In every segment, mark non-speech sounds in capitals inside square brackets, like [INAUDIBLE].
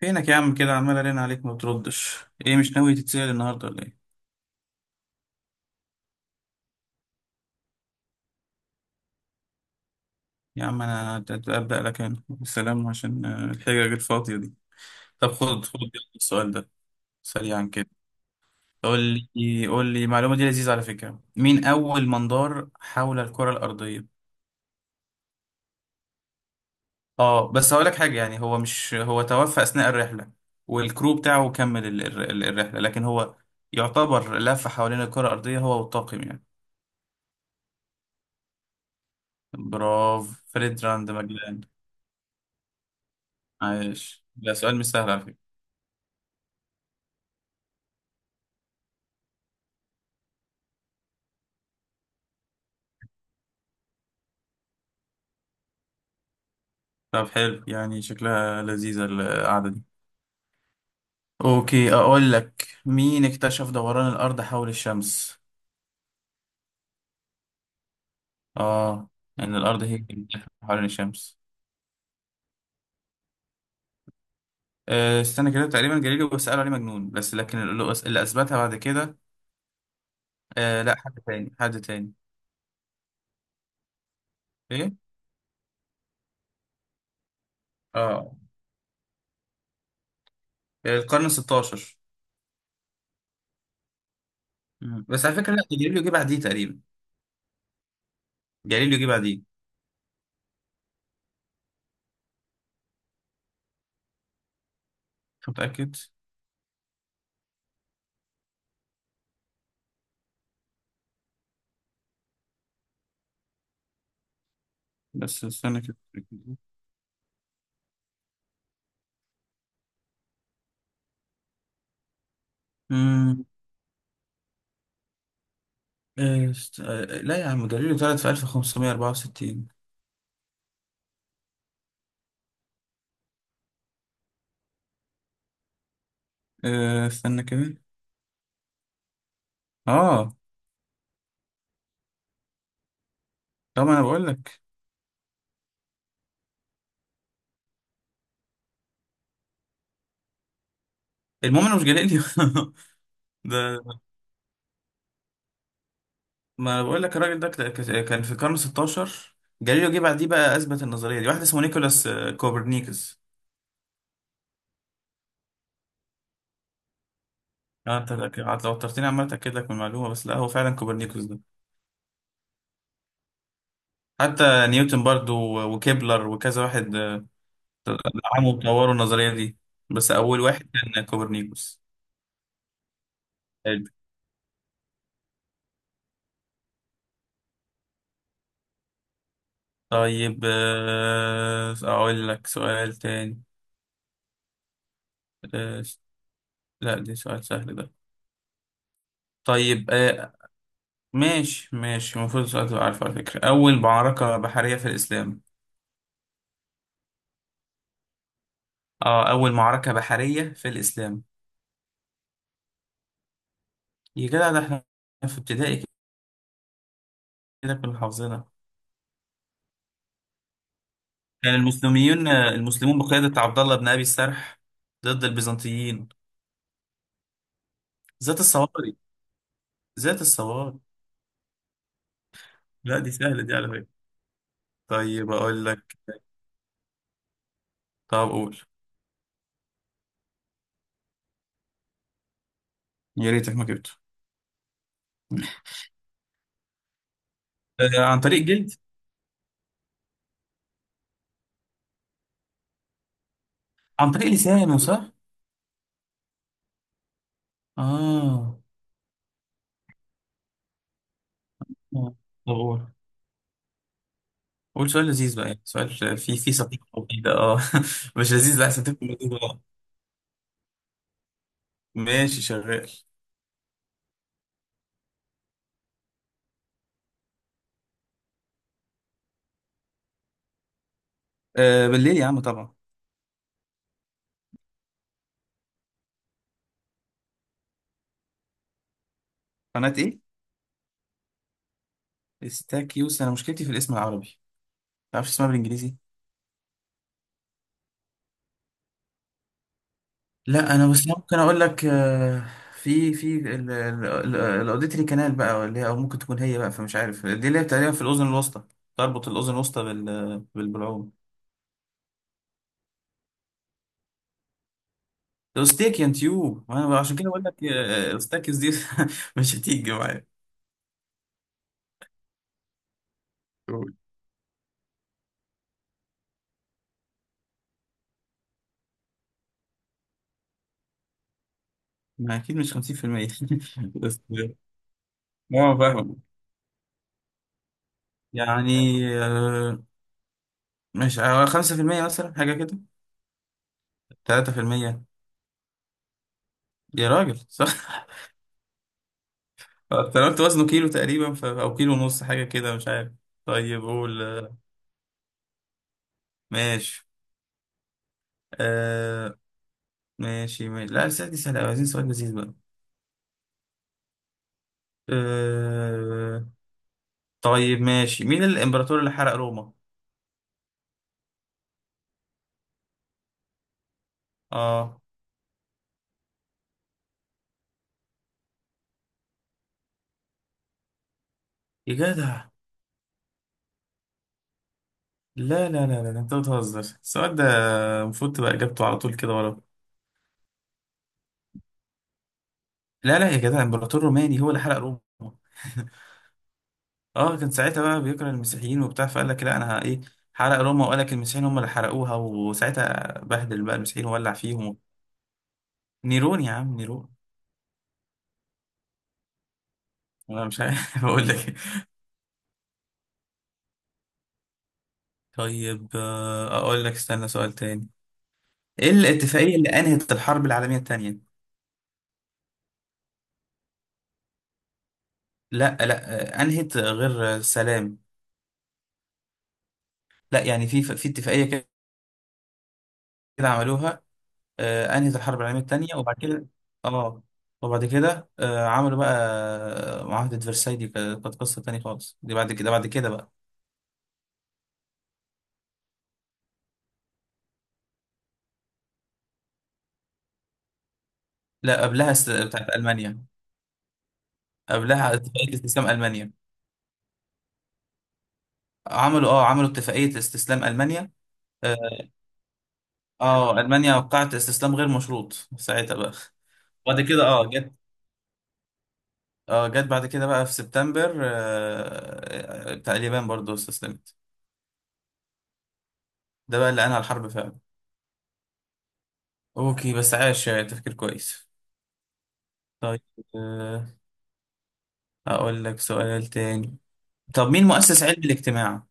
فينك يا عم كده عمال ارن عليك ما بتردش؟ ايه، مش ناوي تتسأل النهارده ولا ايه؟ يا عم انا ابدأ لك انا السلام عشان الحجج الفاضية دي. طب خد خد السؤال ده سريعا كده. قول لي قول لي المعلومة دي لذيذة على فكرة، مين اول من دار حول الكرة الأرضية؟ اه، بس هقول لك حاجة، يعني هو، مش هو توفى أثناء الرحلة والكرو بتاعه كمل الرحلة، لكن هو يعتبر لف حوالين الكرة الأرضية هو والطاقم يعني. برافو فريد، راند ماجلان. عايش. لا سؤال مش سهل على فكرة. طب حلو، يعني شكلها لذيذة القعدة دي. اوكي، اقول لك مين اكتشف دوران الارض حول الشمس؟ اه، ان الارض هي اللي بتلف حوالين الشمس. آه استنى كده، تقريبا جاليليو بس قالوا عليه مجنون، بس لكن اللي اللي اثبتها بعد كده. آه لا، حد تاني حد تاني. ايه، اه القرن 16. مم. بس على فكرة لا، جاليليو جه بعديه تقريبا. جاليليو جه بعديه. متأكد؟ بس استنى كده. مم. إيه، است... آه، آه، لا يا عم، جاليليو اتولد في 1564. أه استنى كده. اه طب، ما انا بقول لك. المهم انا مش جاليليو. [LAUGHS] ده ما انا بقول لك الراجل ده كان في القرن 16. جاليليو جه بعديه. بقى اثبت النظريه دي واحد اسمه نيكولاس كوبرنيكوس. اه انت لو اضطرتني عمال اتاكد لك من المعلومه، بس لا هو فعلا كوبرنيكوس ده. حتى نيوتن برضو وكيبلر وكذا واحد دعموا وطوروا النظريه دي، بس اول واحد كان كوبرنيكوس. طيب أقول لك سؤال تاني. آه، لا ده سؤال سهل ده. طيب ماشي ماشي، المفروض السؤال تبقى عارفه على فكرة، أول معركة بحرية في الإسلام. اه، أول معركة بحرية في الإسلام. يا جدع، ده احنا في ابتدائي كده كنا حافظينها. كان المسلمين المسلمون بقيادة عبد الله بن أبي السرح ضد البيزنطيين. ذات الصواري. ذات الصواري. لا دي سهلة دي على فكرة. طيب أقول لك. طب قول. يا ريتك ما جبته. عن طريق جلد. عن طريق لسانه، صح؟ اه. آه. طبعا. قول سؤال لذيذ بقى، يعني سؤال فيه سقيقة وكده اه. [LAUGHS] مش لذيذ، لا سقيقة ولذيذ اه. ماشي شغال. آه بالليل يا عم طبعا. قناة ايه؟ استاكيوس، انا مشكلتي في الاسم العربي، ما تعرفش اسمها بالانجليزي؟ لا انا بس ممكن اقول لك آه، في الاوديتري كانال بقى، اللي هي او ممكن تكون هي بقى، فمش عارف، دي اللي هي تقريبا في الاذن الوسطى، تربط الاذن الوسطى بالعوم. الاستاك يا نتيوب، وانا عشان كده بقول لك الاستاكس دي. [LAUGHS] مش هتيجي معايا. قول. ما اكيد مش 50%. [LAUGHS] بس اه، فاهم. يعني آه، مش 5% مثلا، حاجه كده. 3%. يا راجل صح. [LAUGHS] انا قلت وزنه كيلو تقريبا او كيلو ونص حاجه كده، مش عارف. طيب قول ماشي. آه. ماشي ماشي، لا السؤال دي سهله أوي، عايزين سؤال لذيذ بقى. آه. طيب ماشي، مين الامبراطور اللي حرق روما؟ اه. يا جدع، لا لا لا لا، انت بتهزر؟ السؤال ده المفروض تبقى اجابته على طول كده ورا. لا لا يا جدع، الامبراطور الروماني هو اللي حرق روما. [LAUGHS] اه كان ساعتها بقى بيكره المسيحيين وبتاع، فقال لك لا انا ايه، حرق روما وقال لك المسيحيين هم اللي حرقوها، وساعتها بهدل بقى المسيحيين وولع فيهم. نيرون يا عم، نيرون. انا مش عارف [LAUGHS] اقول لك إيه. طيب اقول لك، استنى سؤال تاني. ايه الاتفاقية اللي انهت الحرب العالمية التانية؟ لا لا انهت غير سلام. لا يعني في اتفاقية كده عملوها انهت الحرب العالميه الثانيه، وبعد كده اه، وبعد كده عملوا بقى معاهده فرساي. دي كانت قصه ثانيه خالص، دي بعد كده، بعد كده بقى. لا قبلها بتاعت المانيا. قبلها اتفاقيه استسلام المانيا. عملوا اه، عملوا اتفاقيه استسلام المانيا. اه المانيا وقعت استسلام غير مشروط ساعتها بقى. بعد كده اه جت. اه جت بعد كده بقى في سبتمبر بتاع اليابان برضه استسلمت. ده بقى اللي انهى الحرب فعلا. اوكي بس عاش تفكير كويس. طيب آه، أقول لك سؤال تاني. طب مين مؤسس علم الاجتماع؟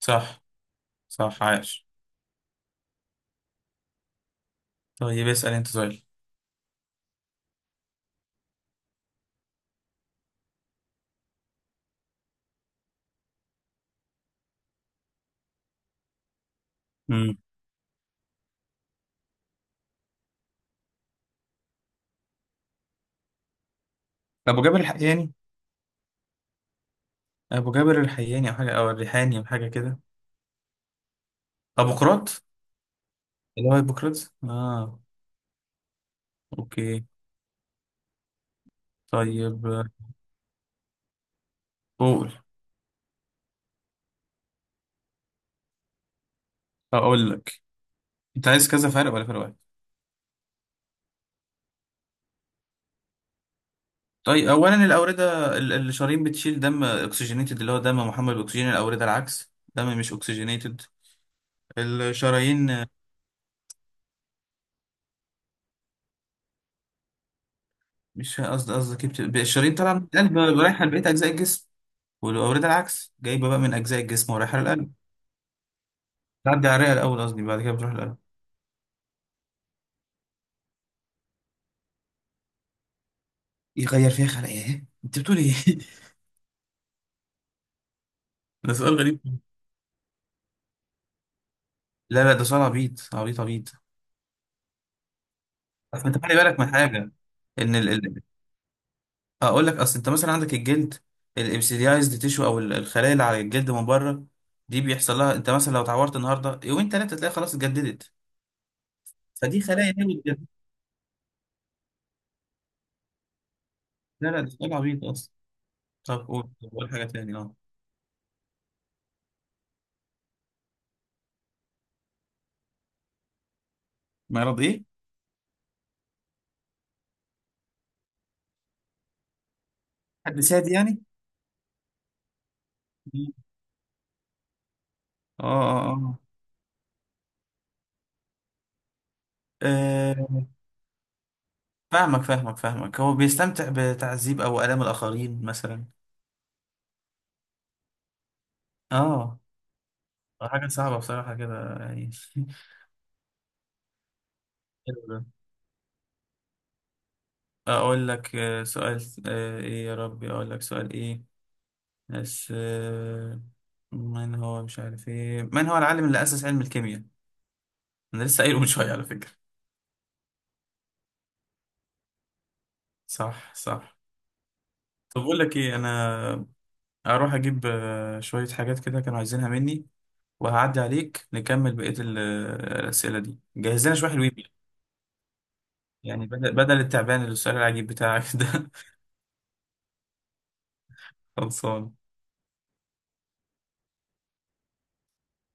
صح. صح عاش. طيب اسأل أنت سؤال. مم. أبو جابر الحياني. أبو جابر الحياني، أو حاجة، أو الريحاني، أو حاجة كده. أبو قراط. اللي هو هيبوقراtes آه. أوكي. طيب قول. أقول لك، أنت عايز كذا فرق ولا فرق واحد؟ طيب أولا الأوردة الشرايين بتشيل دم أكسجينيتد، اللي هو دم محمل بأكسجين، الأوردة العكس دم مش أكسجينيتد. الشرايين، مش قصدي، قصدك إيه؟ الشرايين طالعه من القلب رايحه لبقيه اجزاء الجسم، والأوردة العكس جايبة بقى من أجزاء الجسم ورايحة للقلب. تعدي على الرئة الأول، قصدي بعد كده بتروح للقلب. يغير فيها خلق إيه؟ أنت بتقول إيه؟ [LAUGHS] ده سؤال غريب. لا لا ده سؤال عبيط عبيط عبيط. أصل أنت خلي بالك من حاجة، إن أقول لك، أصل أنت مثلا عندك الجلد، الإبسيديايزد تيشو، أو الخلايا اللي على الجلد من بره، دي بيحصل لها، أنت مثلا لو اتعورت النهاردة، يومين تلاتة تلاقي خلاص اتجددت. فدي خلايا هي بتجدد. لا لا ده سؤال عبيط أصلا. طب قول، طب قول حاجة تاني، أه. مرض إيه؟ حد سادي يعني؟ اه اه اه. أه فاهمك فاهمك فاهمك، هو بيستمتع بتعذيب او الام الاخرين مثلا. اه. حاجه صعبه بصراحه كده يعني. [LAUGHS] حلو ده. اقول لك سؤال ايه يا ربي، اقول لك سؤال ايه، بس من هو، مش عارف ايه، من هو العالم اللي اسس علم الكيمياء؟ انا لسه قايله من [LAUGHS] شويه على فكره. صح. صح. طب بقول لك ايه، انا هروح اجيب شويه حاجات كده كانوا عايزينها مني، وهعدي عليك نكمل بقيه الاسئله دي. جهز لنا شويه حلوين، يعني بدل بدل التعبان اللي السؤال العجيب بتاعك ده. [LAUGHS] خلصان.